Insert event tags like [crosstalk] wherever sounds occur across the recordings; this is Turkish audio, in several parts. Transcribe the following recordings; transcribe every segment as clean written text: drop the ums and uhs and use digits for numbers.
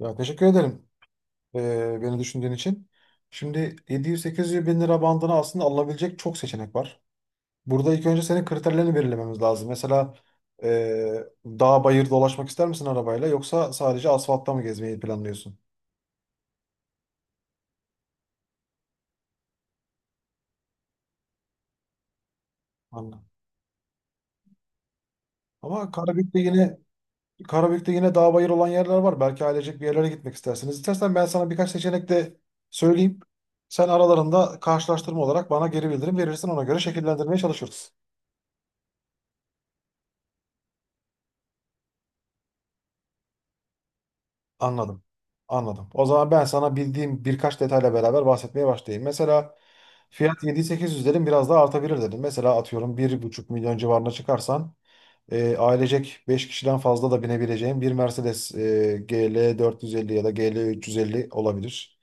Ya teşekkür ederim beni düşündüğün için. Şimdi 700-800 bin lira bandına aslında alınabilecek çok seçenek var. Burada ilk önce senin kriterlerini belirlememiz lazım. Mesela dağ bayır dolaşmak ister misin arabayla yoksa sadece asfaltta mı gezmeyi planlıyorsun? Anladım. Ama Karabük'te yine dağ bayır olan yerler var. Belki ailecek bir yerlere gitmek istersiniz. İstersen ben sana birkaç seçenek de söyleyeyim. Sen aralarında karşılaştırma olarak bana geri bildirim verirsin. Ona göre şekillendirmeye çalışırız. Anladım. Anladım. O zaman ben sana bildiğim birkaç detayla beraber bahsetmeye başlayayım. Mesela fiyat 7-800 dedim, biraz daha artabilir dedim. Mesela atıyorum 1,5 milyon civarına çıkarsan ailecek 5 kişiden fazla da binebileceğim bir Mercedes GL 450 ya da GL 350 olabilir.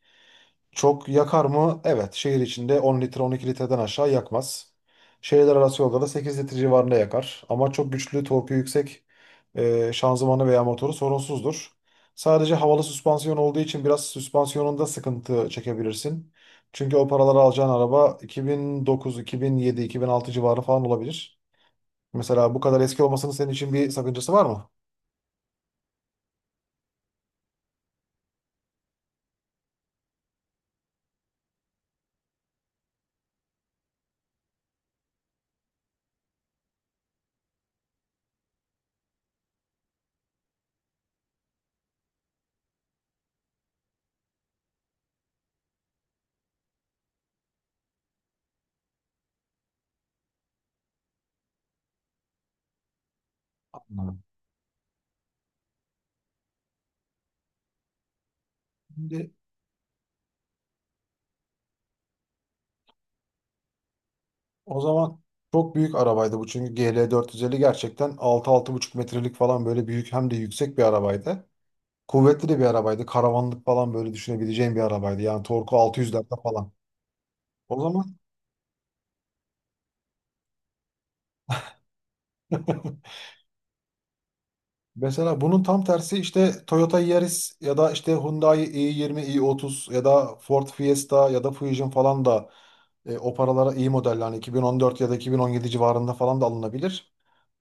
Çok yakar mı? Evet. Şehir içinde 10 litre, 12 litreden aşağı yakmaz. Şehirler arası yolda da 8 litre civarında yakar. Ama çok güçlü, torku yüksek, şanzımanı veya motoru sorunsuzdur. Sadece havalı süspansiyon olduğu için biraz süspansiyonunda sıkıntı çekebilirsin. Çünkü o paraları alacağın araba 2009, 2007, 2006 civarı falan olabilir. Mesela bu kadar eski olmasının senin için bir sakıncası var mı? Anladım. Şimdi o zaman çok büyük arabaydı bu, çünkü GL450 gerçekten altı altı buçuk metrelik falan böyle büyük, hem de yüksek bir arabaydı. Kuvvetli de bir arabaydı. Karavanlık falan böyle düşünebileceğin bir arabaydı. Yani torku 600'lerde falan. O zaman [laughs] mesela bunun tam tersi işte Toyota Yaris ya da işte Hyundai i20, i30 ya da Ford Fiesta ya da Fusion falan da o paralara iyi modeller, hani 2014 ya da 2017 civarında falan da alınabilir.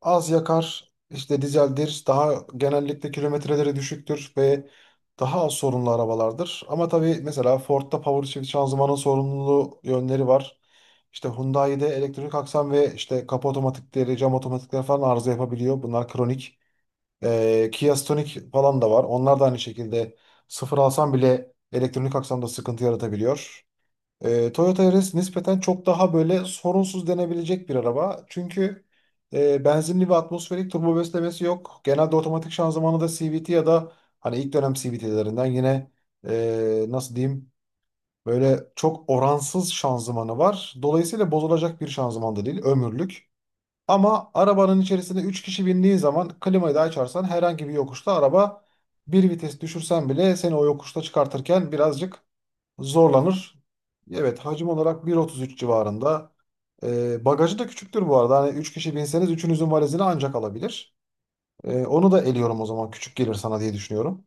Az yakar, işte dizeldir, daha genellikle kilometreleri düşüktür ve daha az sorunlu arabalardır. Ama tabii mesela Ford'da power shift şanzımanın sorunlu yönleri var. İşte Hyundai'de elektrik aksam ve işte kapı otomatikleri, cam otomatikleri falan arıza yapabiliyor. Bunlar kronik. Kia Stonic falan da var. Onlar da aynı şekilde sıfır alsam bile elektronik aksamda sıkıntı yaratabiliyor. Toyota Yaris nispeten çok daha böyle sorunsuz denebilecek bir araba. Çünkü benzinli ve atmosferik turbo beslemesi yok. Genelde otomatik şanzımanı da CVT ya da hani ilk dönem CVT'lerinden yine, nasıl diyeyim, böyle çok oransız şanzımanı var. Dolayısıyla bozulacak bir şanzıman da değil, ömürlük. Ama arabanın içerisinde 3 kişi bindiği zaman klimayı da açarsan, herhangi bir yokuşta araba bir vites düşürsen bile seni o yokuşta çıkartırken birazcık zorlanır. Evet, hacim olarak 1,33 civarında. Bagajı da küçüktür bu arada. Hani 3 kişi binseniz üçünüzün valizini ancak alabilir. Onu da eliyorum, o zaman küçük gelir sana diye düşünüyorum.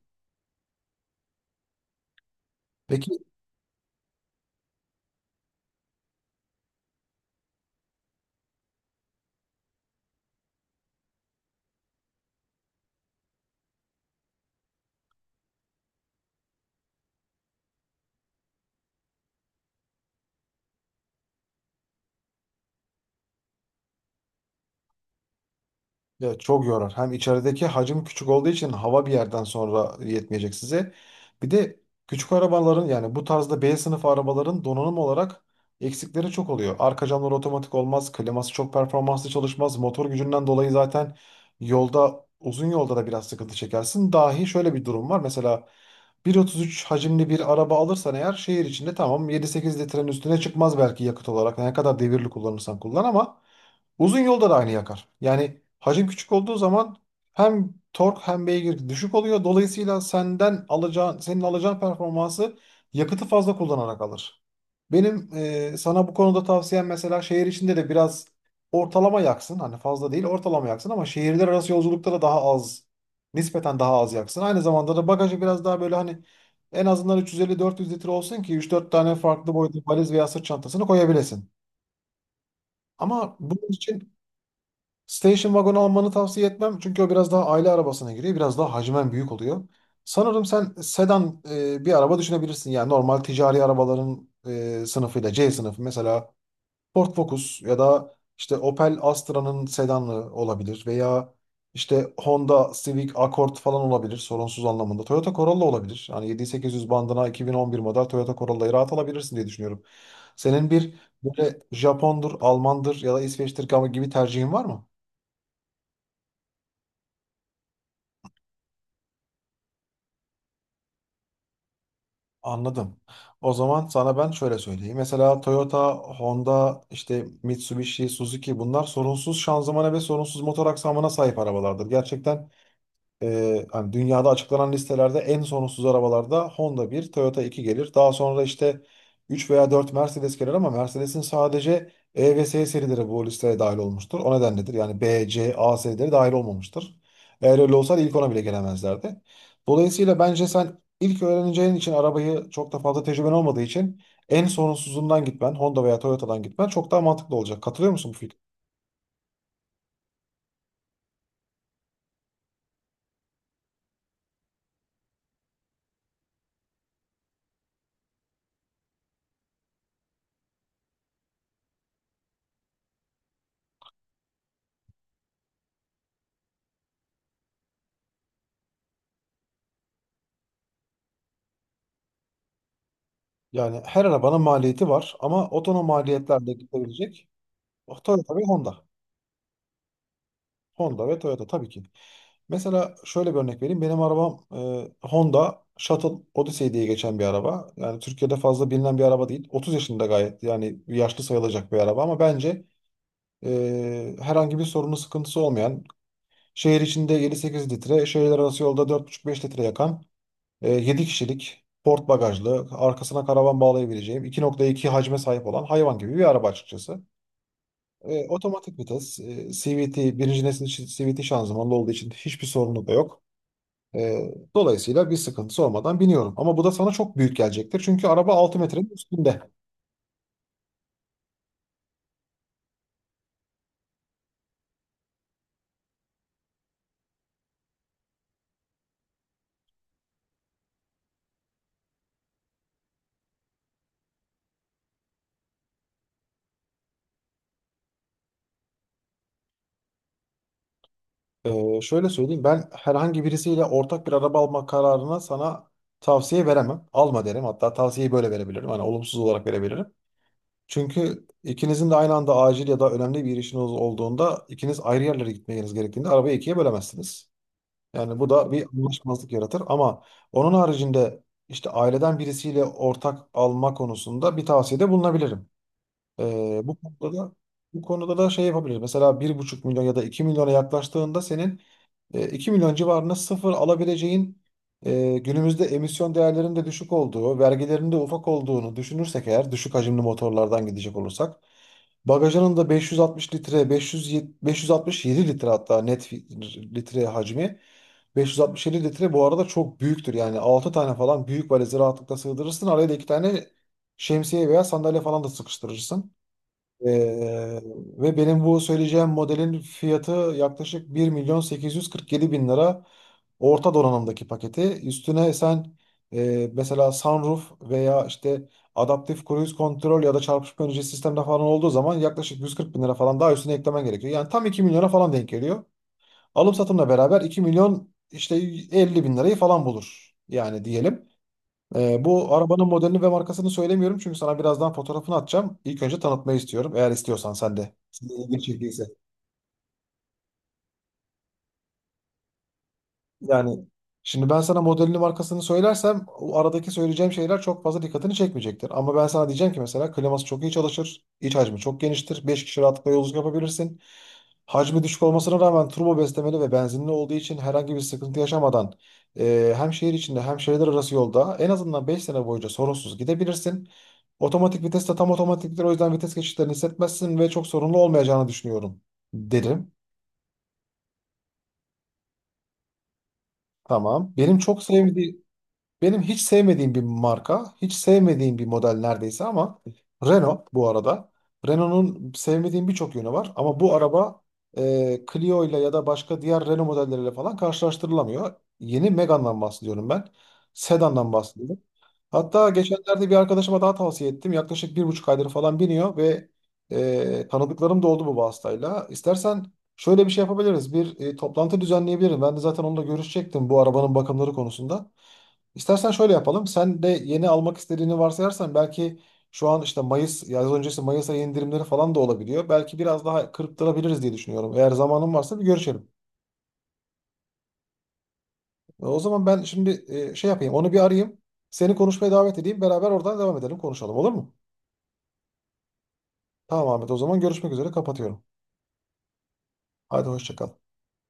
Peki. Ya çok yorar. Hem içerideki hacim küçük olduğu için hava bir yerden sonra yetmeyecek size. Bir de küçük arabaların, yani bu tarzda B sınıfı arabaların donanım olarak eksikleri çok oluyor. Arka camlar otomatik olmaz, kliması çok performanslı çalışmaz. Motor gücünden dolayı zaten yolda, uzun yolda da biraz sıkıntı çekersin. Dahi şöyle bir durum var. Mesela 1,33 hacimli bir araba alırsan eğer, şehir içinde tamam 7-8 litrenin üstüne çıkmaz belki yakıt olarak, ne kadar devirli kullanırsan kullan, ama uzun yolda da aynı yakar. Yani hacim küçük olduğu zaman hem tork hem beygir düşük oluyor. Dolayısıyla senden alacağın, senin alacağın performansı yakıtı fazla kullanarak alır. Benim sana bu konuda tavsiyem, mesela şehir içinde de biraz ortalama yaksın. Hani fazla değil, ortalama yaksın, ama şehirler arası yolculukta da daha az, nispeten daha az yaksın. Aynı zamanda da bagajı biraz daha böyle hani en azından 350-400 litre olsun ki 3-4 tane farklı boyutlu valiz veya sırt çantasını koyabilesin. Ama bunun için station wagon almanı tavsiye etmem. Çünkü o biraz daha aile arabasına giriyor. Biraz daha hacmen büyük oluyor. Sanırım sen sedan bir araba düşünebilirsin. Yani normal ticari arabaların sınıfıyla C sınıfı, mesela Ford Focus ya da işte Opel Astra'nın sedanı olabilir veya işte Honda Civic Accord falan olabilir sorunsuz anlamında. Toyota Corolla olabilir. Hani 7800 bandına 2011 model Toyota Corolla'yı rahat alabilirsin diye düşünüyorum. Senin bir böyle Japondur, Almandır ya da İsveç'tir gibi tercihin var mı? Anladım. O zaman sana ben şöyle söyleyeyim. Mesela Toyota, Honda, işte Mitsubishi, Suzuki, bunlar sorunsuz şanzımana ve sorunsuz motor aksamına sahip arabalardır. Gerçekten hani dünyada açıklanan listelerde en sorunsuz arabalarda Honda bir, Toyota 2 gelir. Daha sonra işte 3 veya 4 Mercedes gelir, ama Mercedes'in sadece E ve S serileri bu listeye dahil olmuştur. O nedenledir. Yani B, C, A serileri dahil olmamıştır. Eğer öyle olsaydı ilk ona bile gelemezlerdi. Dolayısıyla bence sen ilk öğreneceğin için arabayı, çok da fazla tecrüben olmadığı için en sorunsuzundan gitmen, Honda veya Toyota'dan gitmen çok daha mantıklı olacak. Katılıyor musun bu fikre? Yani her arabanın maliyeti var, ama otonom maliyetlerle gidebilecek. Oh, Toyota ve Honda. Honda ve Toyota tabii ki. Mesela şöyle bir örnek vereyim. Benim arabam Honda Shuttle Odyssey diye geçen bir araba. Yani Türkiye'de fazla bilinen bir araba değil. 30 yaşında, gayet yani yaşlı sayılacak bir araba, ama bence herhangi bir sorunu sıkıntısı olmayan, şehir içinde 7-8 litre, şehirler arası yolda 4,5-5 litre yakan, 7 kişilik, port bagajlı, arkasına karavan bağlayabileceğim, 2,2 hacme sahip olan, hayvan gibi bir araba açıkçası. Otomatik vites, CVT, birinci nesil CVT şanzımanlı olduğu için hiçbir sorunu da yok. E, dolayısıyla bir sıkıntısı olmadan biniyorum. Ama bu da sana çok büyük gelecektir. Çünkü araba 6 metrenin üstünde. Şöyle söyleyeyim, ben herhangi birisiyle ortak bir araba alma kararına sana tavsiye veremem. Alma derim. Hatta tavsiyeyi böyle verebilirim. Hani olumsuz olarak verebilirim. Çünkü ikinizin de aynı anda acil ya da önemli bir işiniz olduğunda, ikiniz ayrı yerlere gitmeniz gerektiğinde arabayı ikiye bölemezsiniz. Yani bu da bir anlaşmazlık yaratır, ama onun haricinde işte aileden birisiyle ortak alma konusunda bir tavsiyede bulunabilirim. Bu konuda da şey yapabiliriz. Mesela bir buçuk milyon ya da 2 milyona yaklaştığında, senin 2 milyon civarında sıfır alabileceğin, günümüzde emisyon değerlerinin de düşük olduğu, vergilerin de ufak olduğunu düşünürsek eğer düşük hacimli motorlardan gidecek olursak, bagajının da 560 litre, 500, 567 litre, hatta net litre hacmi 567 litre bu arada çok büyüktür. Yani 6 tane falan büyük valizi rahatlıkla sığdırırsın. Araya da 2 tane şemsiye veya sandalye falan da sıkıştırırsın. Ee, ve benim bu söyleyeceğim modelin fiyatı yaklaşık 1.847.000 lira orta donanımdaki paketi. Üstüne sen mesela sunroof veya işte adaptif cruise control ya da çarpışma önleyici sistemde falan olduğu zaman yaklaşık 140.000 lira falan daha üstüne eklemen gerekiyor. Yani tam 2 milyona falan denk geliyor. Alım satımla beraber 2 milyon işte 50 bin lirayı falan bulur yani diyelim. Bu arabanın modelini ve markasını söylemiyorum çünkü sana birazdan fotoğrafını atacağım. İlk önce tanıtmayı istiyorum, eğer istiyorsan sen de. Senin ilgin çektiyse. Yani şimdi ben sana modelini markasını söylersem o aradaki söyleyeceğim şeyler çok fazla dikkatini çekmeyecektir. Ama ben sana diyeceğim ki mesela kliması çok iyi çalışır, iç hacmi çok geniştir, 5 kişi rahatlıkla yolculuk yapabilirsin. Hacmi düşük olmasına rağmen turbo beslemeli ve benzinli olduğu için herhangi bir sıkıntı yaşamadan hem şehir içinde hem şehirler arası yolda en azından 5 sene boyunca sorunsuz gidebilirsin. Otomatik vites de tam otomatiktir, o yüzden vites geçişlerini hissetmezsin ve çok sorunlu olmayacağını düşünüyorum derim. Tamam. Benim çok sevdiğim Benim hiç sevmediğim bir marka, hiç sevmediğim bir model neredeyse, ama Renault bu arada. Renault'un sevmediğim birçok yönü var, ama bu araba Clio ile ya da başka diğer Renault modelleriyle falan karşılaştırılamıyor. Yeni Megane'dan bahsediyorum ben. Sedan'dan bahsediyorum. Hatta geçenlerde bir arkadaşıma daha tavsiye ettim. Yaklaşık 1,5 aydır falan biniyor ve tanıdıklarım da oldu bu vasıtayla. İstersen şöyle bir şey yapabiliriz. Bir toplantı düzenleyebilirim. Ben de zaten onunla görüşecektim bu arabanın bakımları konusunda. İstersen şöyle yapalım. Sen de yeni almak istediğini varsayarsan, belki şu an işte Mayıs, yaz öncesi Mayıs ayı indirimleri falan da olabiliyor. Belki biraz daha kırptırabiliriz diye düşünüyorum. Eğer zamanın varsa bir görüşelim. O zaman ben şimdi şey yapayım. Onu bir arayayım. Seni konuşmaya davet edeyim. Beraber oradan devam edelim, konuşalım, olur mu? Tamam Ahmet, o zaman görüşmek üzere kapatıyorum. Hadi hoşça kal.